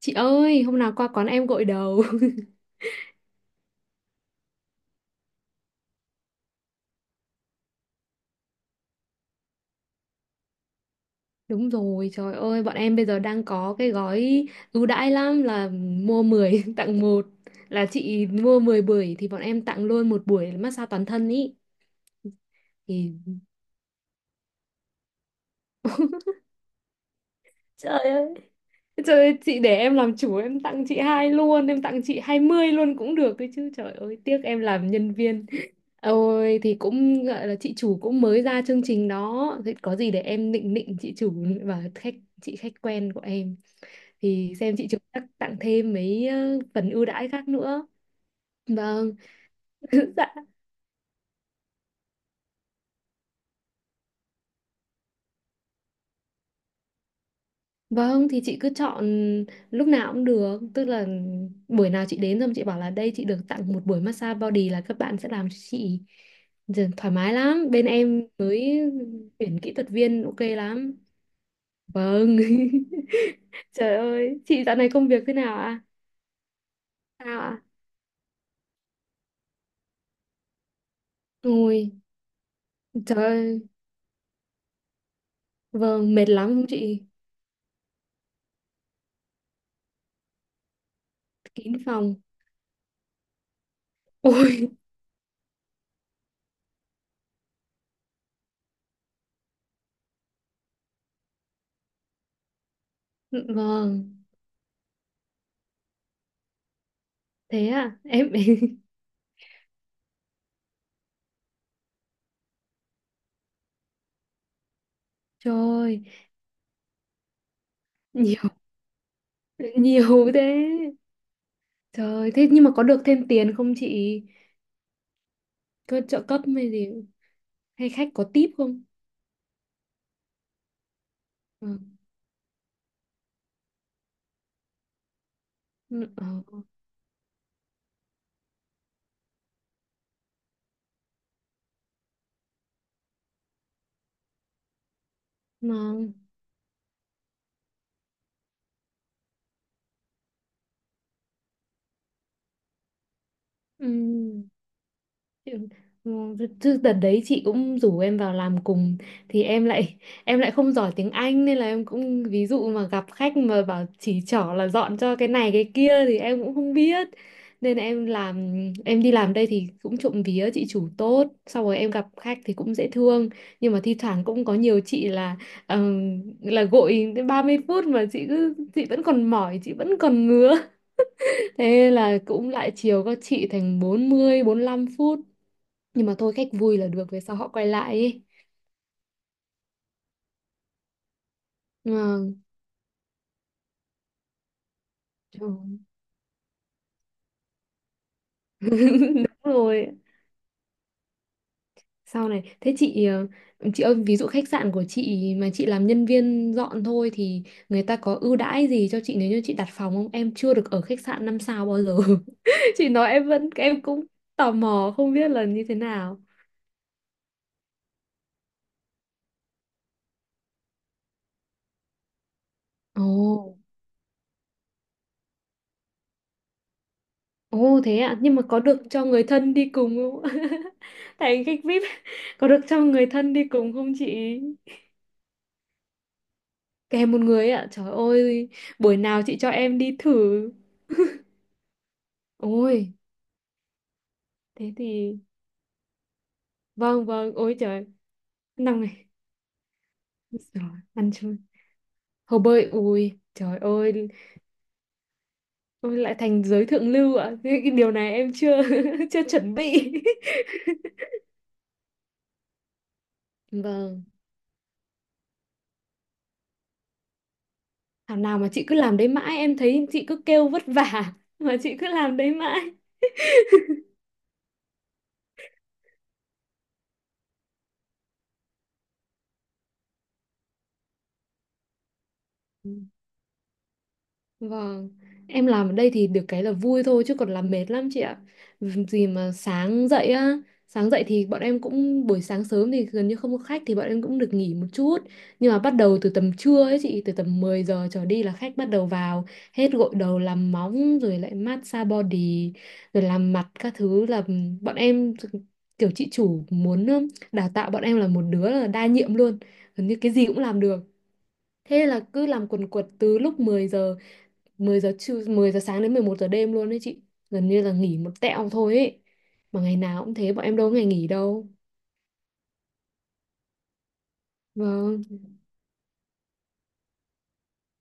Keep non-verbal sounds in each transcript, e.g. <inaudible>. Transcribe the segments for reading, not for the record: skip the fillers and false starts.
Chị ơi, hôm nào qua quán em gội đầu. <laughs> Đúng rồi, trời ơi, bọn em bây giờ đang có cái gói ưu đãi lắm là mua 10 <laughs> tặng một. Là chị mua 10 buổi thì bọn em tặng luôn một buổi massage toàn thân ý. Thì <laughs> Trời ơi. Trời ơi, chị để em làm chủ em tặng chị hai luôn, em tặng chị 20 luôn cũng được đấy chứ. Trời ơi, tiếc em làm nhân viên. Ôi thì cũng gọi là chị chủ cũng mới ra chương trình đó, thì có gì để em nịnh nịnh chị chủ và khách chị khách quen của em. Thì xem chị Trúc chắc tặng thêm mấy phần ưu đãi khác nữa. Vâng. <laughs> Dạ vâng, thì chị cứ chọn lúc nào cũng được, tức là buổi nào chị đến xong chị bảo là đây chị được tặng một buổi massage body là các bạn sẽ làm cho chị. Giờ thoải mái lắm, bên em mới tuyển kỹ thuật viên ok lắm. Vâng. <laughs> Trời ơi, chị dạo này công việc thế nào ạ? Sao ạ? Ôi trời ơi. Vâng, mệt lắm không chị? Kín phòng. Ôi. <laughs> Vâng, thế à em. <laughs> Trời ơi, nhiều. Nhiều thế. Trời ơi, thế nhưng mà có được thêm tiền không chị? Có trợ cấp hay gì? Hay khách có tip không? Ừ. Ừ. Ngon. Ừ. Ừ, chứ đợt đấy chị cũng rủ em vào làm cùng thì em lại không giỏi tiếng Anh nên là em cũng ví dụ mà gặp khách mà bảo chỉ trỏ là dọn cho cái này cái kia thì em cũng không biết. Nên là em làm, em đi làm đây thì cũng trộm vía chị chủ tốt, sau rồi em gặp khách thì cũng dễ thương. Nhưng mà thi thoảng cũng có nhiều chị là gội đến 30 phút mà chị cứ chị vẫn còn mỏi, chị vẫn còn ngứa. <laughs> Thế là cũng lại chiều các chị thành 40 lăm phút. Nhưng mà thôi, khách vui là được, về sau họ quay lại ấy. Nhưng mà trời. Đúng rồi, sau này thế chị chị ơi, ví dụ khách sạn của chị mà chị làm nhân viên dọn thôi thì người ta có ưu đãi gì cho chị nếu như chị đặt phòng không? Em chưa được ở khách sạn năm sao bao giờ. <laughs> Chị nói em vẫn, em cũng tò mò không biết là như thế nào. Ồ. Ồ thế ạ, nhưng mà có được cho người thân đi cùng không? <laughs> Thành khách VIP, có được cho người thân đi cùng không chị? Kèm một người ạ. Trời ơi, buổi nào chị cho em đi thử. Ôi, thế thì vâng vâng, ôi trời, năm này. Rồi, ăn chui. Hồ bơi ui, trời ơi, ôi lại thành giới thượng lưu ạ. Cái điều này em chưa <laughs> chưa chuẩn bị. Vâng, thảo nào mà chị cứ làm đấy mãi, em thấy chị cứ kêu vất vả mà chị cứ làm đấy mãi. Vâng, em làm ở đây thì được cái là vui thôi chứ còn làm mệt lắm chị ạ. Gì mà sáng dậy á, sáng dậy thì bọn em cũng buổi sáng sớm thì gần như không có khách thì bọn em cũng được nghỉ một chút. Nhưng mà bắt đầu từ tầm trưa ấy chị, từ tầm 10 giờ trở đi là khách bắt đầu vào, hết gội đầu làm móng rồi lại massage body rồi làm mặt các thứ là bọn em kiểu chị chủ muốn đào tạo bọn em là một đứa là đa nhiệm luôn, gần như cái gì cũng làm được. Thế là cứ làm quần quật từ lúc 10 giờ trưa 10 giờ sáng đến 11 giờ đêm luôn đấy chị, gần như là nghỉ một tẹo thôi ấy, mà ngày nào cũng thế, bọn em đâu có ngày nghỉ đâu. Vâng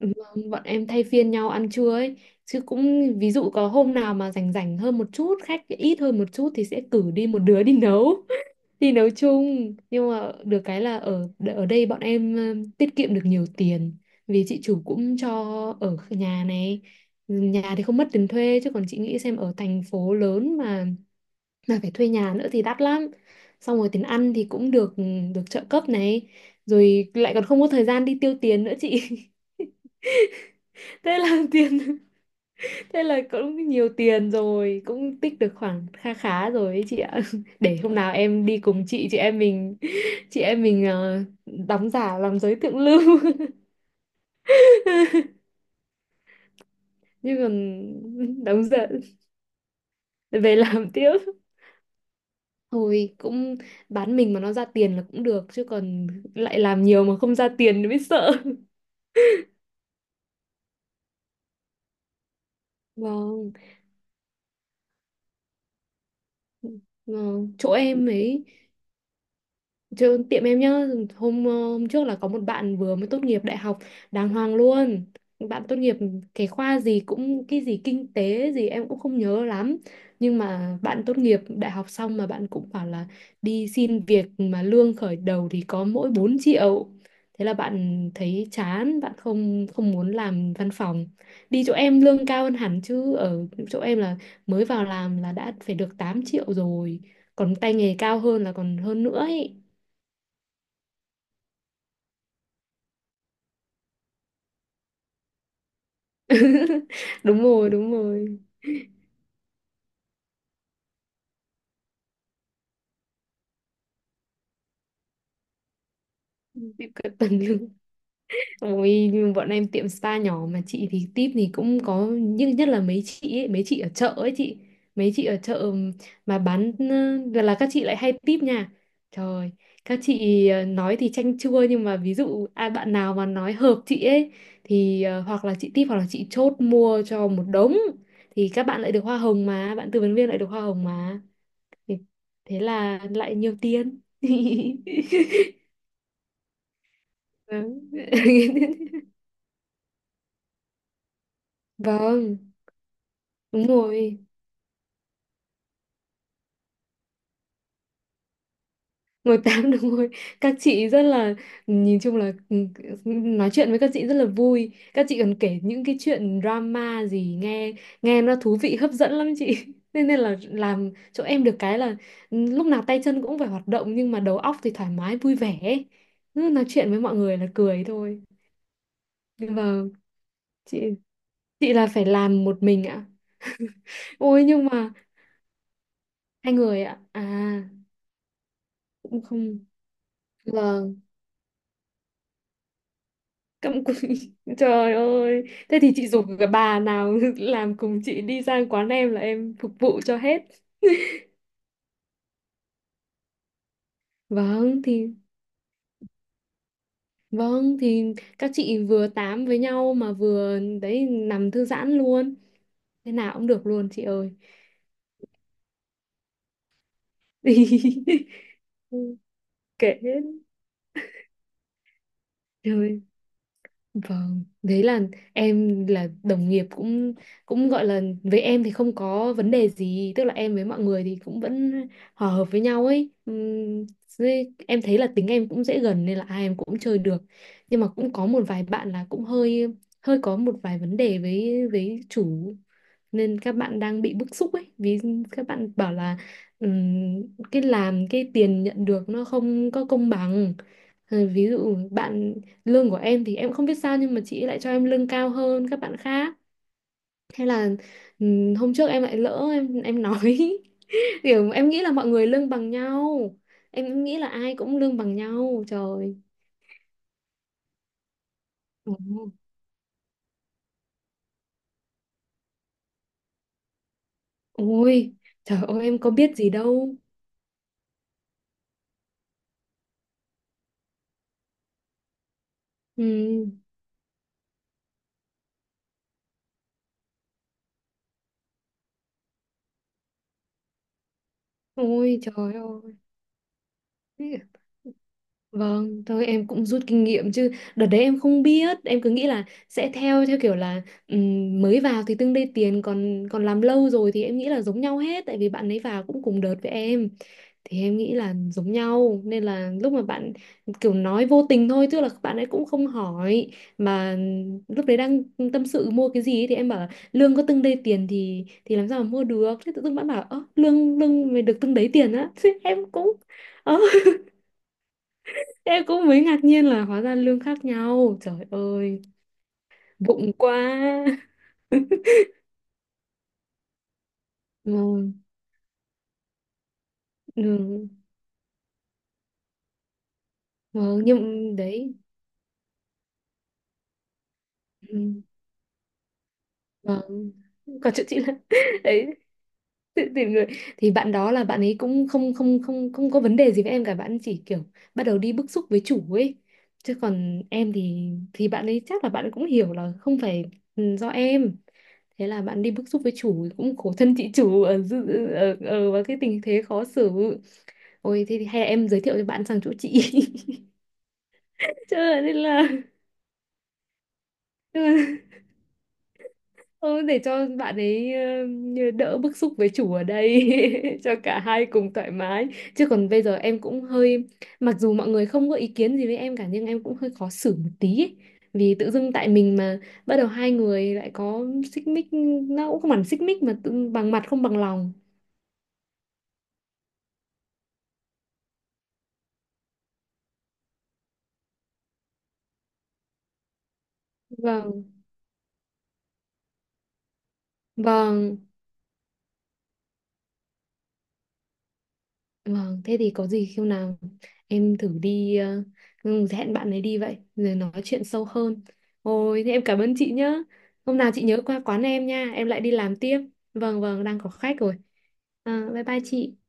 vâng, bọn em thay phiên nhau ăn trưa ấy, chứ cũng ví dụ có hôm nào mà rảnh rảnh hơn một chút khách ít hơn một chút thì sẽ cử đi một đứa đi nấu. <laughs> Đi nấu chung, nhưng mà được cái là ở ở đây bọn em tiết kiệm được nhiều tiền. Vì chị chủ cũng cho ở nhà này, nhà thì không mất tiền thuê, chứ còn chị nghĩ xem ở thành phố lớn mà phải thuê nhà nữa thì đắt lắm. Xong rồi tiền ăn thì cũng được, được trợ cấp này, rồi lại còn không có thời gian đi tiêu tiền nữa chị. <laughs> thế là tiền thế là cũng nhiều tiền rồi, cũng tích được khoảng kha khá rồi ấy chị ạ. <laughs> Để hôm nào em đi cùng chị em mình, chị em mình đóng giả làm giới thượng lưu. <laughs> Nhưng còn đóng giả về làm tiếp, thôi cũng bán mình mà nó ra tiền là cũng được chứ, còn lại làm nhiều mà không ra tiền thì mới sợ. Vâng, vâng, chỗ em ấy, chứ tiệm em nhá, hôm hôm trước là có một bạn vừa mới tốt nghiệp đại học đàng hoàng luôn. Bạn tốt nghiệp cái khoa gì cũng cái gì kinh tế gì em cũng không nhớ lắm. Nhưng mà bạn tốt nghiệp đại học xong mà bạn cũng bảo là đi xin việc mà lương khởi đầu thì có mỗi 4 triệu. Thế là bạn thấy chán, bạn không không muốn làm văn phòng. Đi chỗ em lương cao hơn hẳn chứ, ở chỗ em là mới vào làm là đã phải được 8 triệu rồi. Còn tay nghề cao hơn là còn hơn nữa ấy. <laughs> Đúng rồi đúng rồi. <laughs> Tiếp cận tầng lưng. Ôi nhưng bọn em tiệm spa nhỏ mà chị thì tip thì cũng có nhưng nhất là mấy chị ấy, mấy chị ở chợ ấy chị, mấy chị ở chợ mà bán là các chị lại hay tip nha. Trời, các chị nói thì chanh chua nhưng mà ví dụ ai bạn nào mà nói hợp chị ấy thì hoặc là chị tip hoặc là chị chốt mua cho một đống, thì các bạn lại được hoa hồng mà bạn tư vấn viên lại được hoa hồng mà. Thì thế là lại nhiều tiền. <laughs> Vâng. <laughs> Vâng, đúng rồi. Ngồi tám đúng rồi. Các chị rất là, nhìn chung là ừ, nói chuyện với các chị rất là vui. Các chị còn kể những cái chuyện drama gì nghe, nghe nó thú vị hấp dẫn lắm chị. <laughs> Nên nên là làm chỗ em được cái là ừ, lúc nào tay chân cũng phải hoạt động nhưng mà đầu óc thì thoải mái vui vẻ ấy. Cứ nói chuyện với mọi người là cười thôi. Vâng, chị chị là phải làm một mình ạ. Ôi nhưng mà hai người ạ. À cũng không. Vâng. Cặm cụi. <laughs> Trời ơi. Thế thì chị rủ cái bà nào <laughs> làm cùng chị đi sang quán em là em phục vụ cho hết. Vâng thì vâng thì các chị vừa tám với nhau mà vừa đấy nằm thư giãn luôn. Thế nào cũng được luôn chị ơi. <laughs> Kệ hết. Trời. Vâng, đấy là em là đồng nghiệp cũng, cũng gọi là với em thì không có vấn đề gì, tức là em với mọi người thì cũng vẫn hòa hợp với nhau ấy. Với- em thấy là tính em cũng dễ gần nên là ai em cũng chơi được. Nhưng mà cũng có một vài bạn là cũng hơi, hơi có một vài vấn đề với chủ nên các bạn đang bị bức xúc ấy, vì các bạn bảo là ừm, cái làm cái tiền nhận được nó không có công bằng. Ờ, ví dụ bạn, lương của em thì em không biết sao nhưng mà chị ấy lại cho em lương cao hơn các bạn khác. Thế là hôm trước em lại lỡ em nói. <laughs> Kiểu em nghĩ là mọi người lương bằng nhau, em nghĩ là ai cũng lương bằng nhau. Trời. Ừ. Ôi trời ơi, em có biết gì đâu. Ừ. Ôi trời ơi. Vâng, thôi em cũng rút kinh nghiệm, chứ đợt đấy em không biết, em cứ nghĩ là sẽ theo theo kiểu là mới vào thì tương đây tiền còn, còn làm lâu rồi thì em nghĩ là giống nhau hết tại vì bạn ấy vào cũng cùng đợt với em. Thì em nghĩ là giống nhau nên là lúc mà bạn kiểu nói vô tình thôi, tức là bạn ấy cũng không hỏi mà lúc đấy đang tâm sự mua cái gì ấy, thì em bảo là lương có từng đây tiền thì làm sao mà mua được, thế tự dưng bạn bảo ơ lương lương mày được từng đấy tiền á. <laughs> Thế em cũng ờ, em cũng mới ngạc nhiên là hóa ra lương khác nhau. Trời ơi, vụng quá. <laughs> Vâng, vâng, vâng, nhưng đấy. Ừ. Vâng. Còn chuyện chị là. <laughs> Đấy, tự tìm người thì bạn đó là bạn ấy cũng không không không không có vấn đề gì với em cả, bạn chỉ kiểu bắt đầu đi bức xúc với chủ ấy. Chứ còn em thì bạn ấy chắc là bạn cũng hiểu là không phải ừ, do em. Thế là bạn đi bức xúc với chủ cũng khổ thân chị chủ ở ở, ở vào cái tình thế khó xử. Ôi thế thì hay là em giới thiệu cho bạn sang chỗ chị. <laughs> Nên là. <laughs> Thôi để cho bạn ấy ờ, đỡ bức xúc với chủ ở đây. <laughs> Cho cả hai cùng thoải mái, chứ còn bây giờ em cũng hơi, mặc dù mọi người không có ý kiến gì với em cả nhưng em cũng hơi khó xử một tí ấy. Vì tự dưng tại mình mà bắt đầu hai người lại có xích mích, nó cũng không hẳn xích mích mà tự, bằng mặt không bằng lòng. Vâng vâng. Vâng, thế thì có gì khi nào em thử đi ừ, hẹn bạn ấy đi vậy rồi nói chuyện sâu hơn. Ôi, thế em cảm ơn chị nhá. Hôm nào chị nhớ qua quán em nha, em lại đi làm tiếp. Vâng vâng, đang có khách rồi. À, bye bye chị.